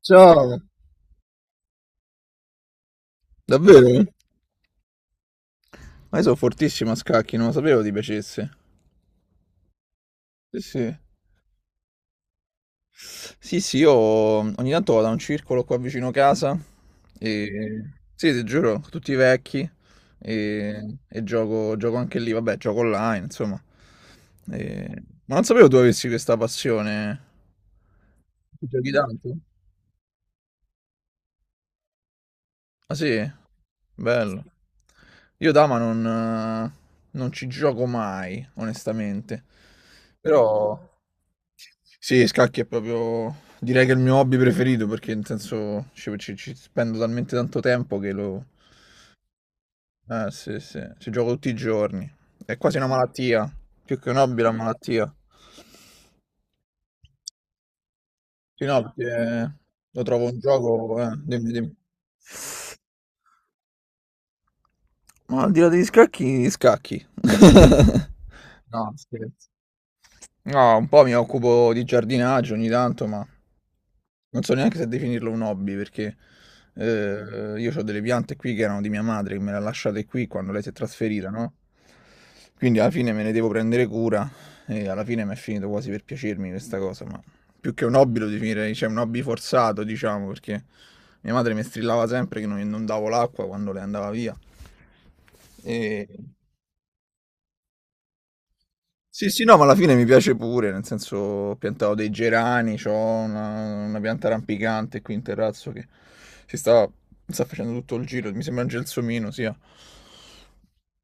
Ciao, davvero? Ma io sono fortissimo a scacchi, non lo sapevo ti piacesse. Sì, sì. Sì, sì, io ogni tanto vado a un circolo qua vicino casa e... Sì, ti giuro, tutti vecchi e gioco, gioco anche lì, vabbè, gioco online, insomma. Ma non sapevo tu avessi questa passione. Tu giochi tanto? Ah sì? Bello. Io dama non, non ci gioco mai, onestamente. Però... Sì, scacchi è proprio, direi che è il mio hobby preferito perché nel senso ci spendo talmente tanto tempo che lo... Eh sì, sì, ci gioco tutti i giorni. È quasi una malattia, più che un hobby è una malattia. Sì, no, perché lo trovo un gioco... dimmi, dimmi. Ma al di là degli scacchi, gli scacchi. No, scherzo. No, un po' mi occupo di giardinaggio ogni tanto, ma non so neanche se definirlo un hobby perché io ho delle piante qui che erano di mia madre, che me le ha lasciate qui quando lei si è trasferita, no? Quindi alla fine me ne devo prendere cura e alla fine mi è finito quasi per piacermi questa cosa, ma più che un hobby lo definirei, cioè un hobby forzato, diciamo, perché mia madre mi strillava sempre che non, non davo l'acqua quando lei andava via. E... Sì, sì, no, ma alla fine mi piace pure, nel senso ho piantato dei gerani, c'ho una pianta rampicante qui in terrazzo che si sta, sta facendo tutto il giro, mi sembra un gelsomino, sia.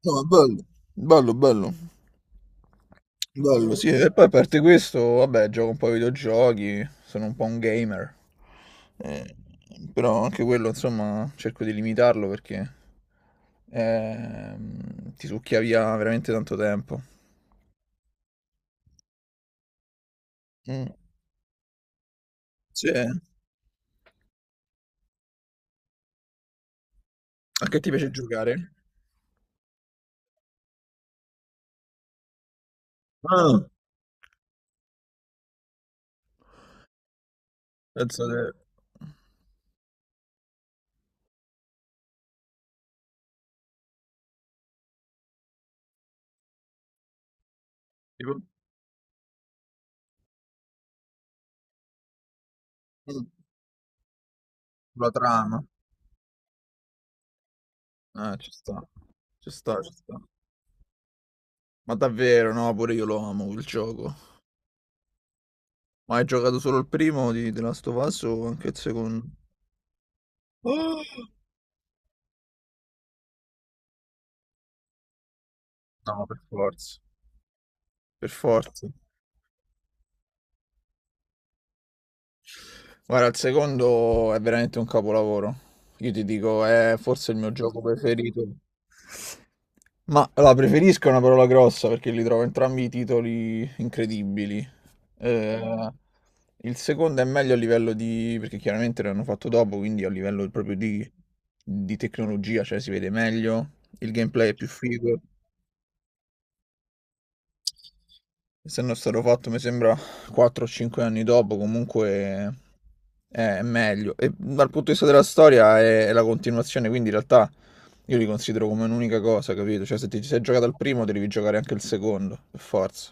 No, è bello, bello, bello. Bello, sì, e poi a parte questo, vabbè, gioco un po' ai videogiochi, sono un po' un gamer. Eh, però anche quello, insomma, cerco di limitarlo perché ti succhia via veramente tanto tempo. Mm. Sì, a che ti piace giocare? Ah, penso che tipo mm, la trama. Ah, ci sta, ci sta, ci sta. Ma davvero, no, pure io lo amo quel gioco. Ma hai giocato solo il primo di The Last of Us o anche il secondo? Ah. No, per forza. Per forza. Guarda, il secondo è veramente un capolavoro. Io ti dico, è forse il mio gioco preferito. Ma la preferisco è una parola grossa perché li trovo entrambi i titoli incredibili. Eh, il secondo è meglio a livello di... perché chiaramente l'hanno fatto dopo, quindi a livello proprio di tecnologia, cioè si vede meglio, il gameplay è più figo. Essendo stato fatto, mi sembra, 4 o 5 anni dopo, comunque è meglio. E dal punto di vista della storia è la continuazione, quindi in realtà io li considero come un'unica cosa, capito? Cioè se ti sei giocato al primo, devi giocare anche il secondo, per forza.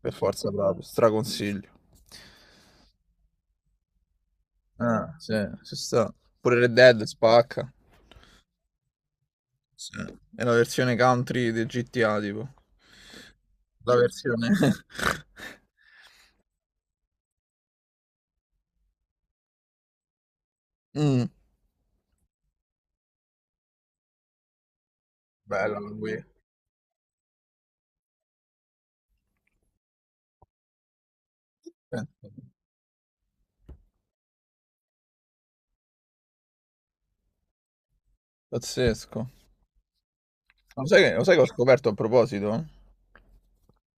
Per forza, proprio, straconsiglio. Ah, sì, ci sta. Pure Red Dead spacca. Sì. È la versione country del GTA, tipo. La versione... Mm, bella la Wii. Sì. Pazzesco. Lo sai che ho scoperto a proposito?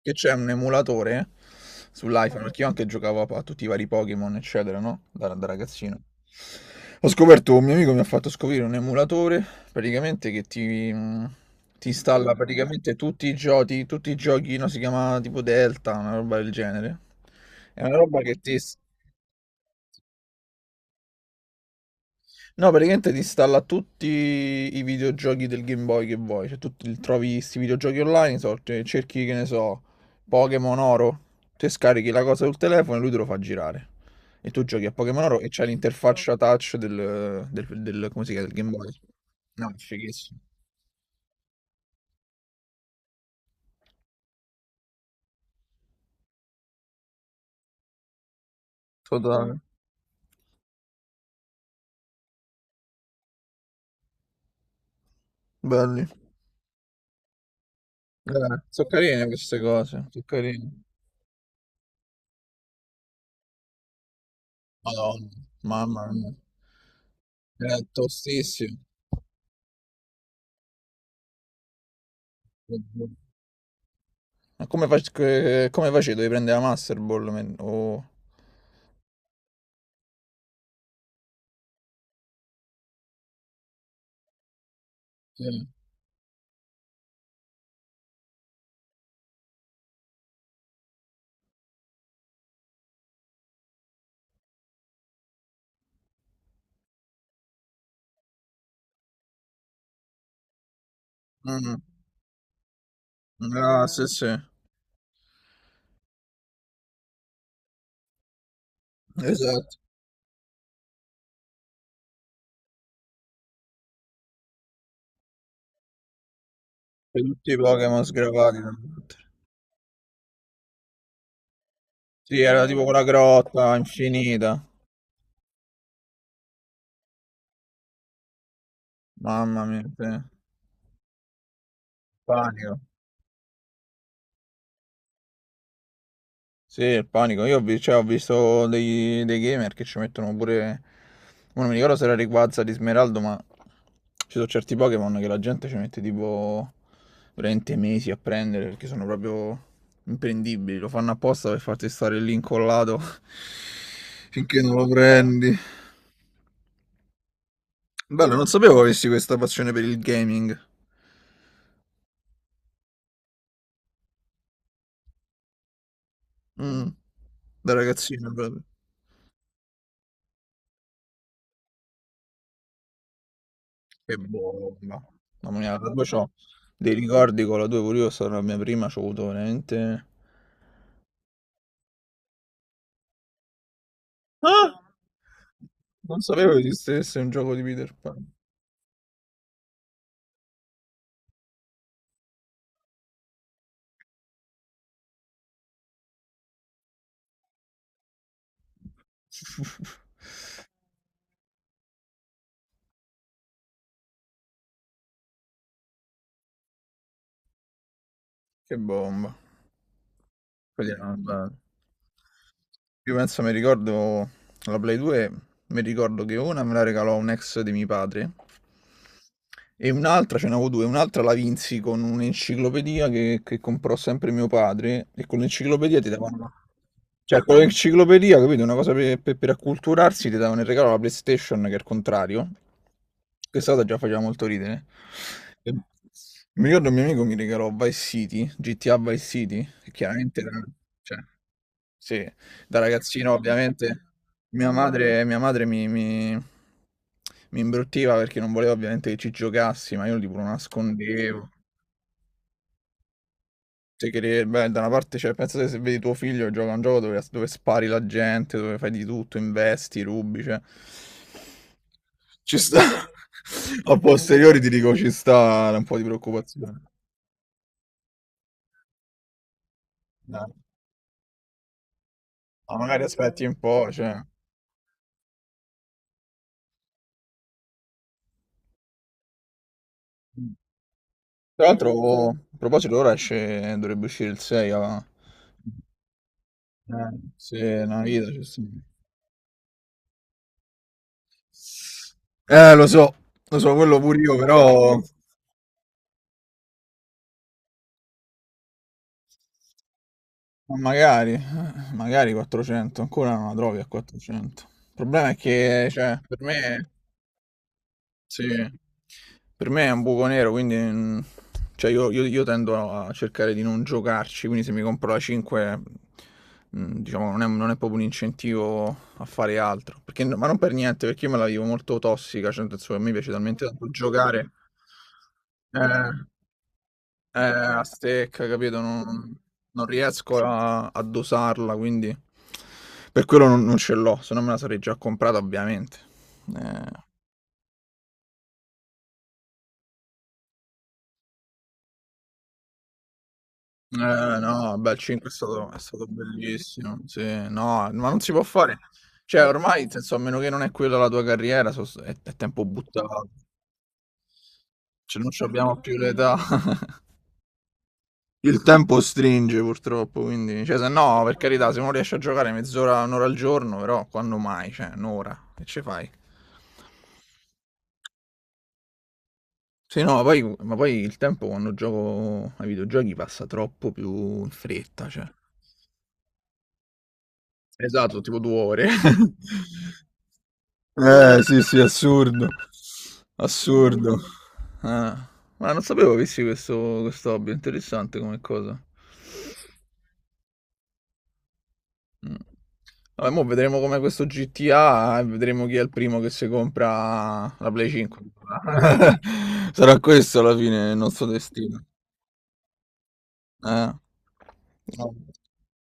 Che c'è un emulatore sull'iPhone, perché io anche giocavo a tutti i vari Pokémon, eccetera, no? Da ragazzino. Ho scoperto, un mio amico mi ha fatto scoprire un emulatore, praticamente che ti, ti installa praticamente tutti i giochi, no? Si chiama tipo Delta, una roba del genere. È una roba che ti, no, praticamente ti installa tutti i videogiochi del Game Boy che vuoi, cioè trovi questi videogiochi online, so, cerchi che ne so, Pokémon Oro, te scarichi la cosa sul telefono e lui te lo fa girare. E tu giochi a Pokémon Oro e c'hai l'interfaccia touch del come si chiama, del Game Boy. No, è fighissimo. Totale. Belli. Sono carine queste cose, sono carine. Madonna, mamma mia. È tostissimo. Ma come, come facevi? Dovevi prendere la Master Ball? O... Sì. Mh-mh. Ah, sì, sì, esatto, poi tutti i Pokémon sgravati. Sì, era tipo quella grotta infinita. Mamma mia, sì. Panico. Sì, il panico. Io ho vi- cioè, Ho visto dei gamer che ci mettono pure. Mo Non mi ricordo se era Rayquaza di Smeraldo, ma ci sono certi Pokémon che la gente ci mette tipo 20 mesi a prendere perché sono proprio imprendibili. Lo fanno apposta per farti stare lì incollato finché non lo prendi. Bello, non sapevo avessi questa passione per il gaming. Mm, da ragazzino proprio. Che bomba. Mamma mia, proprio c'ho dei ricordi con la 2, pure io sono la mia prima, c'ho avuto veramente... Ah! Non sapevo che esistesse un gioco di Peter Pan. Che bomba. Quindi era una cosa- Io penso, mi ricordo la Play 2, mi ricordo che una me la regalò un ex di mio padre e un'altra, ce n'avevo due, un'altra la vinsi con un'enciclopedia che comprò sempre mio padre e con l'enciclopedia ti davano... Cioè, con l'enciclopedia, capito? Una cosa per, per acculturarsi ti davano in regalo la PlayStation che è il contrario. Questa cosa già faceva molto ridere. E- mi ricordo un mio amico mi regalò Vice City, GTA Vice City, e chiaramente da cioè, sì, da ragazzino ovviamente mia madre mi imbruttiva perché non voleva ovviamente che ci giocassi, ma io tipo lo nascondevo. Te cre beh, da una parte cioè pensa te se vedi tuo figlio che gioca a un gioco dove spari la gente, dove fai di tutto, investi, rubi, cioè ci sta. A posteriori ti dico ci sta un po' di preoccupazione. Eh, ma magari aspetti un po', cioè. Tra l'altro, a proposito, ora esce, dovrebbe uscire il 6 a... se la vita c'è sempre. Eh, lo so, lo so, quello pure io, però... Magari, magari 400, ancora non la trovi a 400. Il problema è che, cioè, per me... Sì. Per me è un buco nero, quindi mm, cioè io tendo a cercare di non giocarci, quindi se mi compro la 5, mm, diciamo, non è, non è proprio un incentivo a fare altro. Perché ma non per niente, perché io me la vivo molto tossica, cioè, nel senso che a me piace talmente tanto giocare, eh, a stecca, capito? Non, non riesco a dosarla, quindi per quello non, non ce l'ho, se no me la sarei già comprata, ovviamente. Eh. No, beh, il 5 è stato bellissimo, sì, no, ma non si può fare, cioè ormai, nel senso, a meno che non è quella la tua carriera, è tempo buttato, cioè non ci abbiamo più l'età, il tempo stringe purtroppo, quindi, cioè se no, per carità, se uno riesce a giocare mezz'ora, un'ora al giorno, però quando mai, cioè un'ora, che ci fai? Sì, no, ma poi il tempo quando gioco ai videogiochi passa troppo più in fretta, cioè. Esatto, tipo due ore. Sì, sì, assurdo. Assurdo. Ah, ma non sapevo avessi questo, questo hobby, interessante come cosa. Mm. Vabbè, mo vedremo come questo GTA e vedremo chi è il primo che si compra la Play 5. Sarà questo alla fine il nostro destino. Eh. No.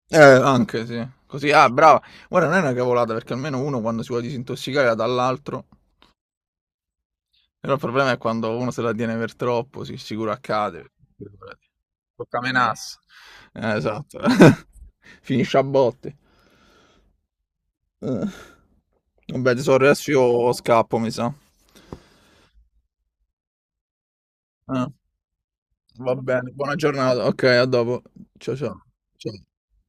Anche sì. Così, ah, brava. Guarda, non è una cavolata perché almeno uno quando si vuole disintossicare dà all'altro. Però il problema è quando uno se la tiene per troppo, si sicuro accade. Figurati. Tocca menasse. Esatto. Finisce a botte. Eh. Vabbè, tesoro, adesso io scappo, mi sa. Eh, va bene, buona giornata. Ok, a dopo. Ciao ciao. Ciao.